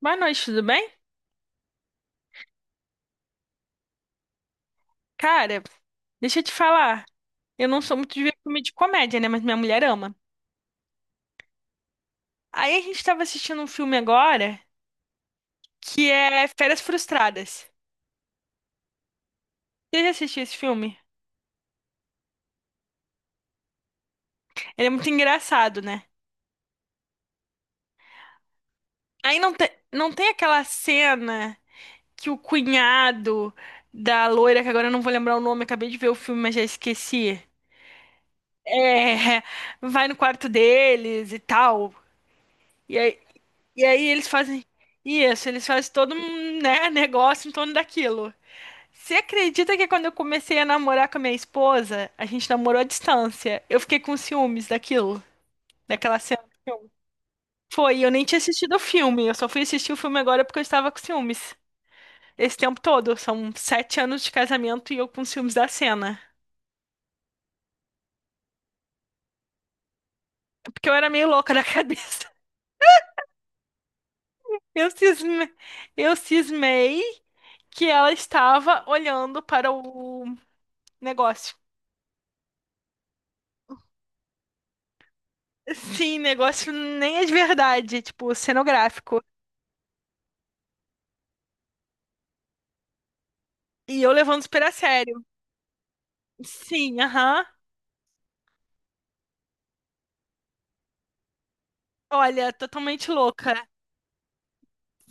Boa noite, tudo bem? Cara, deixa eu te falar. Eu não sou muito de ver filme de comédia, né? Mas minha mulher ama. Aí a gente tava assistindo um filme agora que é Férias Frustradas. Você já assistiu esse filme? Ele é muito engraçado, né? Aí não, não tem aquela cena que o cunhado da loira, que agora eu não vou lembrar o nome, acabei de ver o filme, mas já esqueci. É, vai no quarto deles e tal. E aí E aí eles fazem isso, eles fazem todo um, né, negócio em torno daquilo. Você acredita que quando eu comecei a namorar com a minha esposa, a gente namorou à distância? Eu fiquei com ciúmes daquilo, daquela cena. Foi, e eu nem tinha assistido o filme, eu só fui assistir o filme agora porque eu estava com ciúmes. Esse tempo todo, são 7 anos de casamento e eu com ciúmes da cena. Porque eu era meio louca da cabeça. Eu cisme... eu cismei que ela estava olhando para o negócio. Sim, negócio nem é de verdade, tipo, cenográfico. E eu levando super a sério. Sim, aham. Olha, totalmente louca.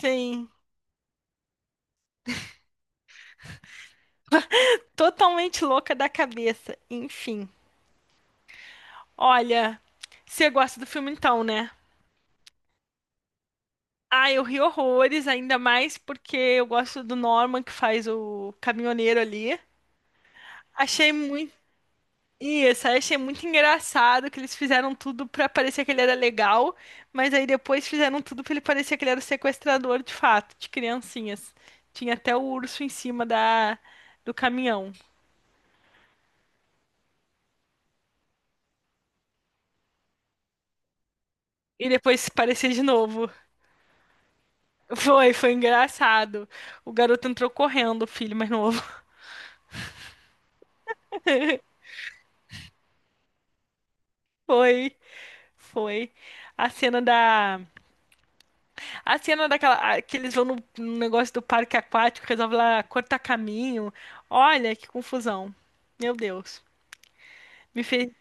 Sim, totalmente louca da cabeça. Enfim, olha, você gosta do filme então, né? Ah, eu ri horrores, ainda mais porque eu gosto do Norman que faz o caminhoneiro ali. Achei muito E essa eu só achei muito engraçado que eles fizeram tudo pra parecer que ele era legal, mas aí depois fizeram tudo pra ele parecer que ele era o sequestrador de fato, de criancinhas. Tinha até o urso em cima da do caminhão. E depois parecia de novo. Foi, foi engraçado. O garoto entrou correndo, o filho mais novo. Foi, foi. A cena da a cena daquela que eles vão no negócio do parque aquático, resolve lá cortar caminho. Olha que confusão. Meu Deus. Me fez...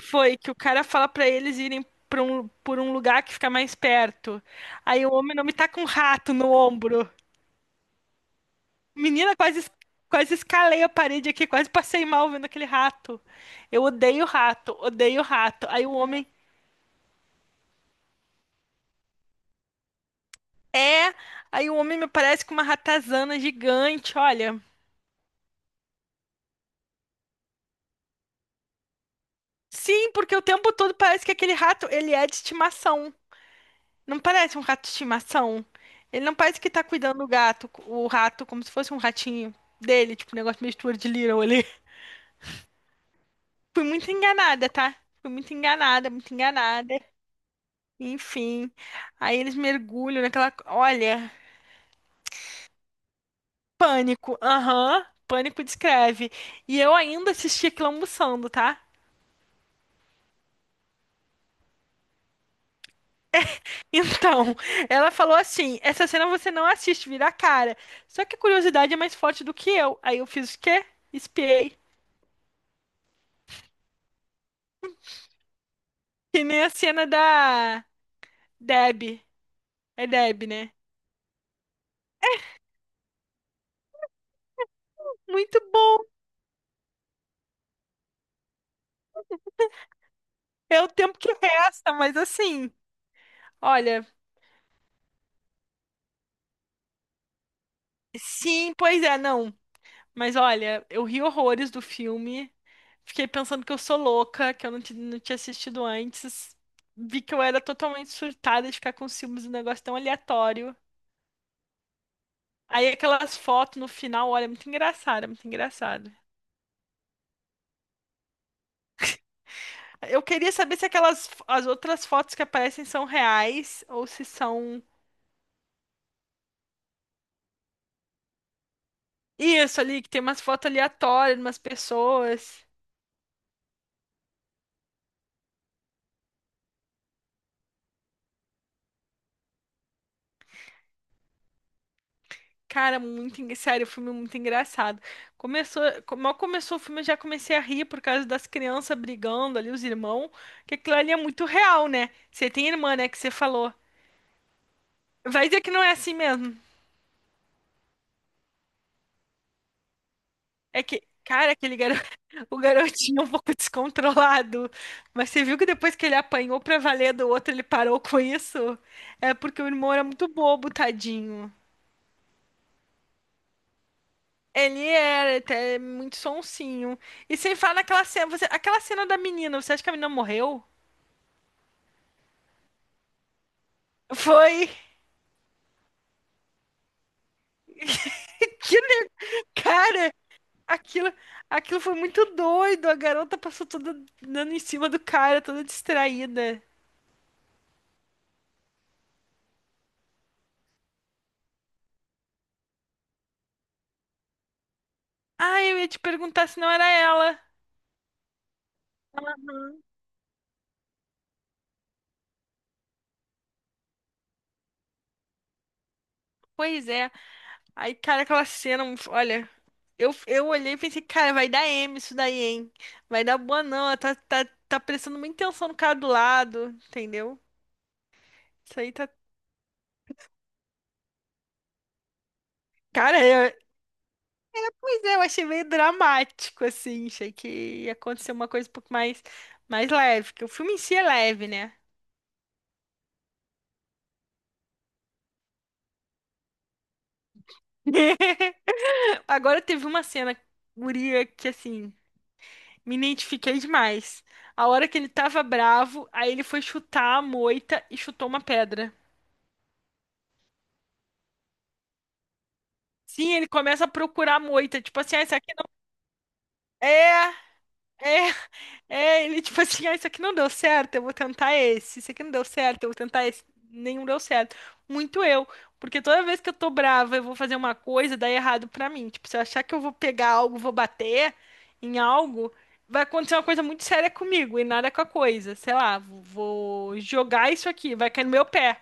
Foi que o cara fala pra eles irem pra um, por um lugar que fica mais perto. Aí o homem não me tá com um rato no ombro. Menina, quase, quase escalei a parede aqui, quase passei mal vendo aquele rato. Eu odeio rato, odeio rato. Aí o homem é. Aí o homem me parece com uma ratazana gigante, olha. Sim, porque o tempo todo parece que aquele rato, ele é de estimação. Não parece um rato de estimação. Ele não parece que tá cuidando do gato, o rato, como se fosse um ratinho dele, tipo um negócio meio de Little ali. Fui muito enganada, tá? Fui muito enganada, muito enganada. Enfim. Aí eles mergulham naquela. Olha, pânico. Aham. Pânico descreve. E eu ainda assisti aquilo almoçando, tá? Então, ela falou assim: essa cena você não assiste, vira a cara. Só que a curiosidade é mais forte do que eu. Aí eu fiz o quê? Espiei. Que nem a cena da Deb, é Deb, né? Muito bom. É o tempo que resta, mas assim, olha, sim, pois é, não. Mas olha, eu ri horrores do filme. Fiquei pensando que eu sou louca, que eu não, não tinha assistido antes. Vi que eu era totalmente surtada de ficar com ciúmes de um negócio tão aleatório. Aí aquelas fotos no final, olha, é muito engraçado, é muito engraçado. Eu queria saber se aquelas as outras fotos que aparecem são reais ou se são. Isso ali, que tem umas fotos aleatórias de umas pessoas. Cara, muito, sério, o filme é muito engraçado. Começou, mal começou o filme, eu já comecei a rir por causa das crianças brigando ali, os irmãos. Que aquilo ali é muito real, né? Você tem irmã, né, que você falou. Vai dizer que não é assim mesmo. É que, cara, aquele garoto, o garotinho é um pouco descontrolado. Mas você viu que depois que ele apanhou pra valer do outro, ele parou com isso? É porque o irmão era muito bobo, tadinho. Ele era até muito sonsinho. E sem falar naquela cena, aquela cena da menina, você acha que a menina morreu? Foi aquilo, cara, aquilo, aquilo foi muito doido. A garota passou toda dando em cima do cara, toda distraída. Ah, eu ia te perguntar se não era ela. Pois é. Aí, cara, aquela cena, olha, eu olhei e pensei, cara, vai dar M isso daí, hein? Vai dar boa não, ela tá prestando muita atenção no cara do lado, entendeu? Isso aí tá. Cara, eu achei meio dramático, assim. Achei que ia acontecer uma coisa um pouco mais leve, que o filme em si é leve, né? Agora teve uma cena, guria, que assim, me identifiquei demais. A hora que ele tava bravo, aí ele foi chutar a moita e chutou uma pedra. Sim, ele começa a procurar a moita, tipo assim, ah, essa aqui não. É, é. É, ele tipo assim, ah, isso aqui não deu certo, eu vou tentar esse. Isso aqui não deu certo, eu vou tentar esse. Nenhum deu certo. Muito eu, porque toda vez que eu tô brava, eu vou fazer uma coisa, dá errado pra mim. Tipo, se eu achar que eu vou pegar algo, vou bater em algo, vai acontecer uma coisa muito séria comigo e nada com a coisa. Sei lá, vou jogar isso aqui, vai cair no meu pé.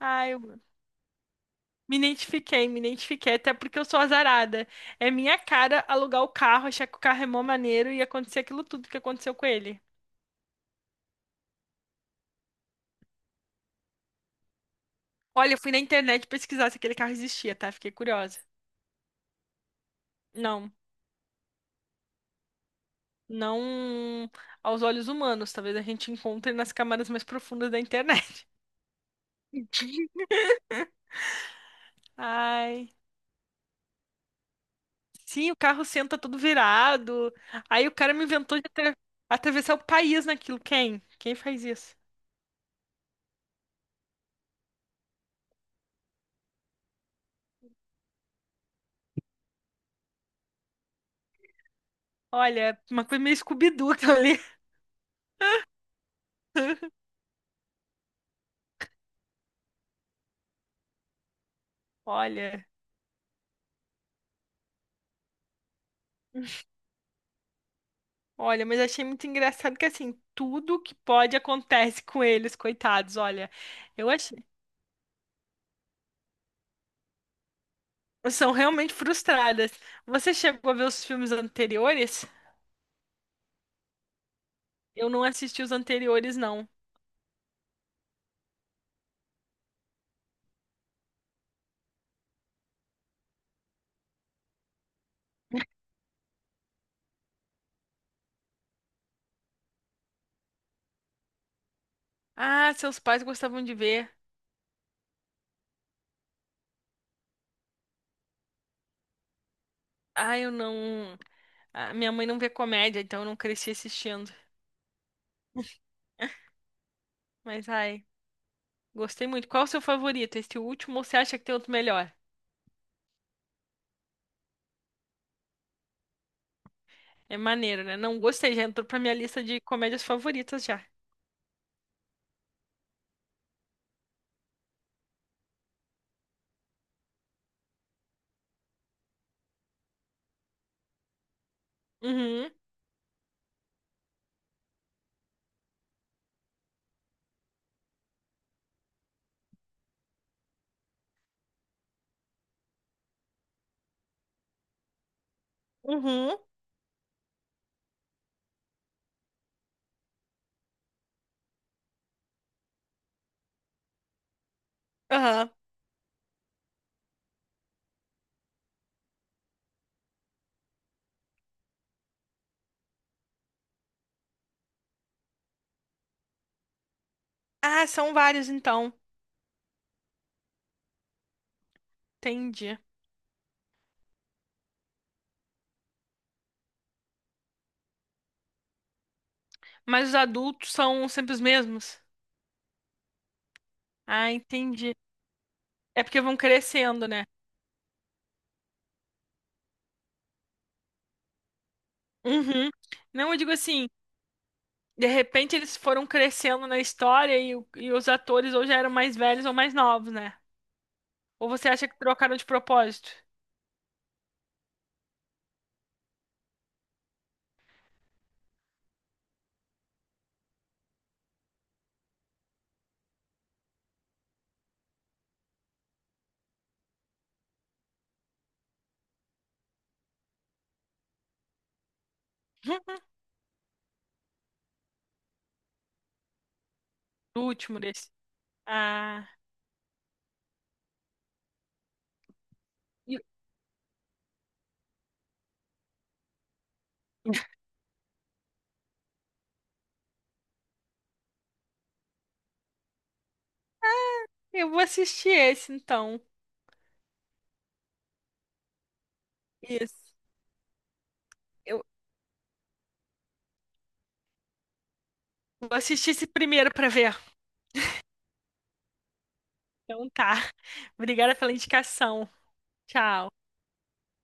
Ah, eu me identifiquei, até porque eu sou azarada. É minha cara alugar o carro, achar que o carro é mó maneiro e acontecer aquilo tudo que aconteceu com ele. Olha, eu fui na internet pesquisar se aquele carro existia, tá? Fiquei curiosa. Não, não aos olhos humanos. Talvez a gente encontre nas camadas mais profundas da internet. Ai. Sim, o carro senta todo virado. Aí o cara me inventou de atravessar o país naquilo. Quem? Quem faz isso? Olha, uma coisa meio Scooby-Doo aquilo ali. Olha, olha, mas achei muito engraçado que assim, tudo que pode acontece com eles, coitados. Olha, eu São realmente frustradas. Você chegou a ver os filmes anteriores? Eu não assisti os anteriores, não. Ah, seus pais gostavam de ver. Ah, eu não. Ah, minha mãe não vê comédia, então eu não cresci assistindo. Mas, ai, gostei muito. Qual o seu favorito? Esse último ou você acha que tem outro melhor? É maneiro, né? Não gostei, já entrou pra minha lista de comédias favoritas já. Uhum, uhum, aham. Ah, são vários então. Entendi. Mas os adultos são sempre os mesmos? Ah, entendi. É porque vão crescendo, né? Uhum. Não, eu digo assim, de repente eles foram crescendo na história e, e os atores ou já eram mais velhos ou mais novos, né? Ou você acha que trocaram de propósito? Do último desse. Ah, e- eu vou assistir esse então. Isso. Eu vou assistir esse primeiro pra ver. Então tá. Obrigada pela indicação. Tchau.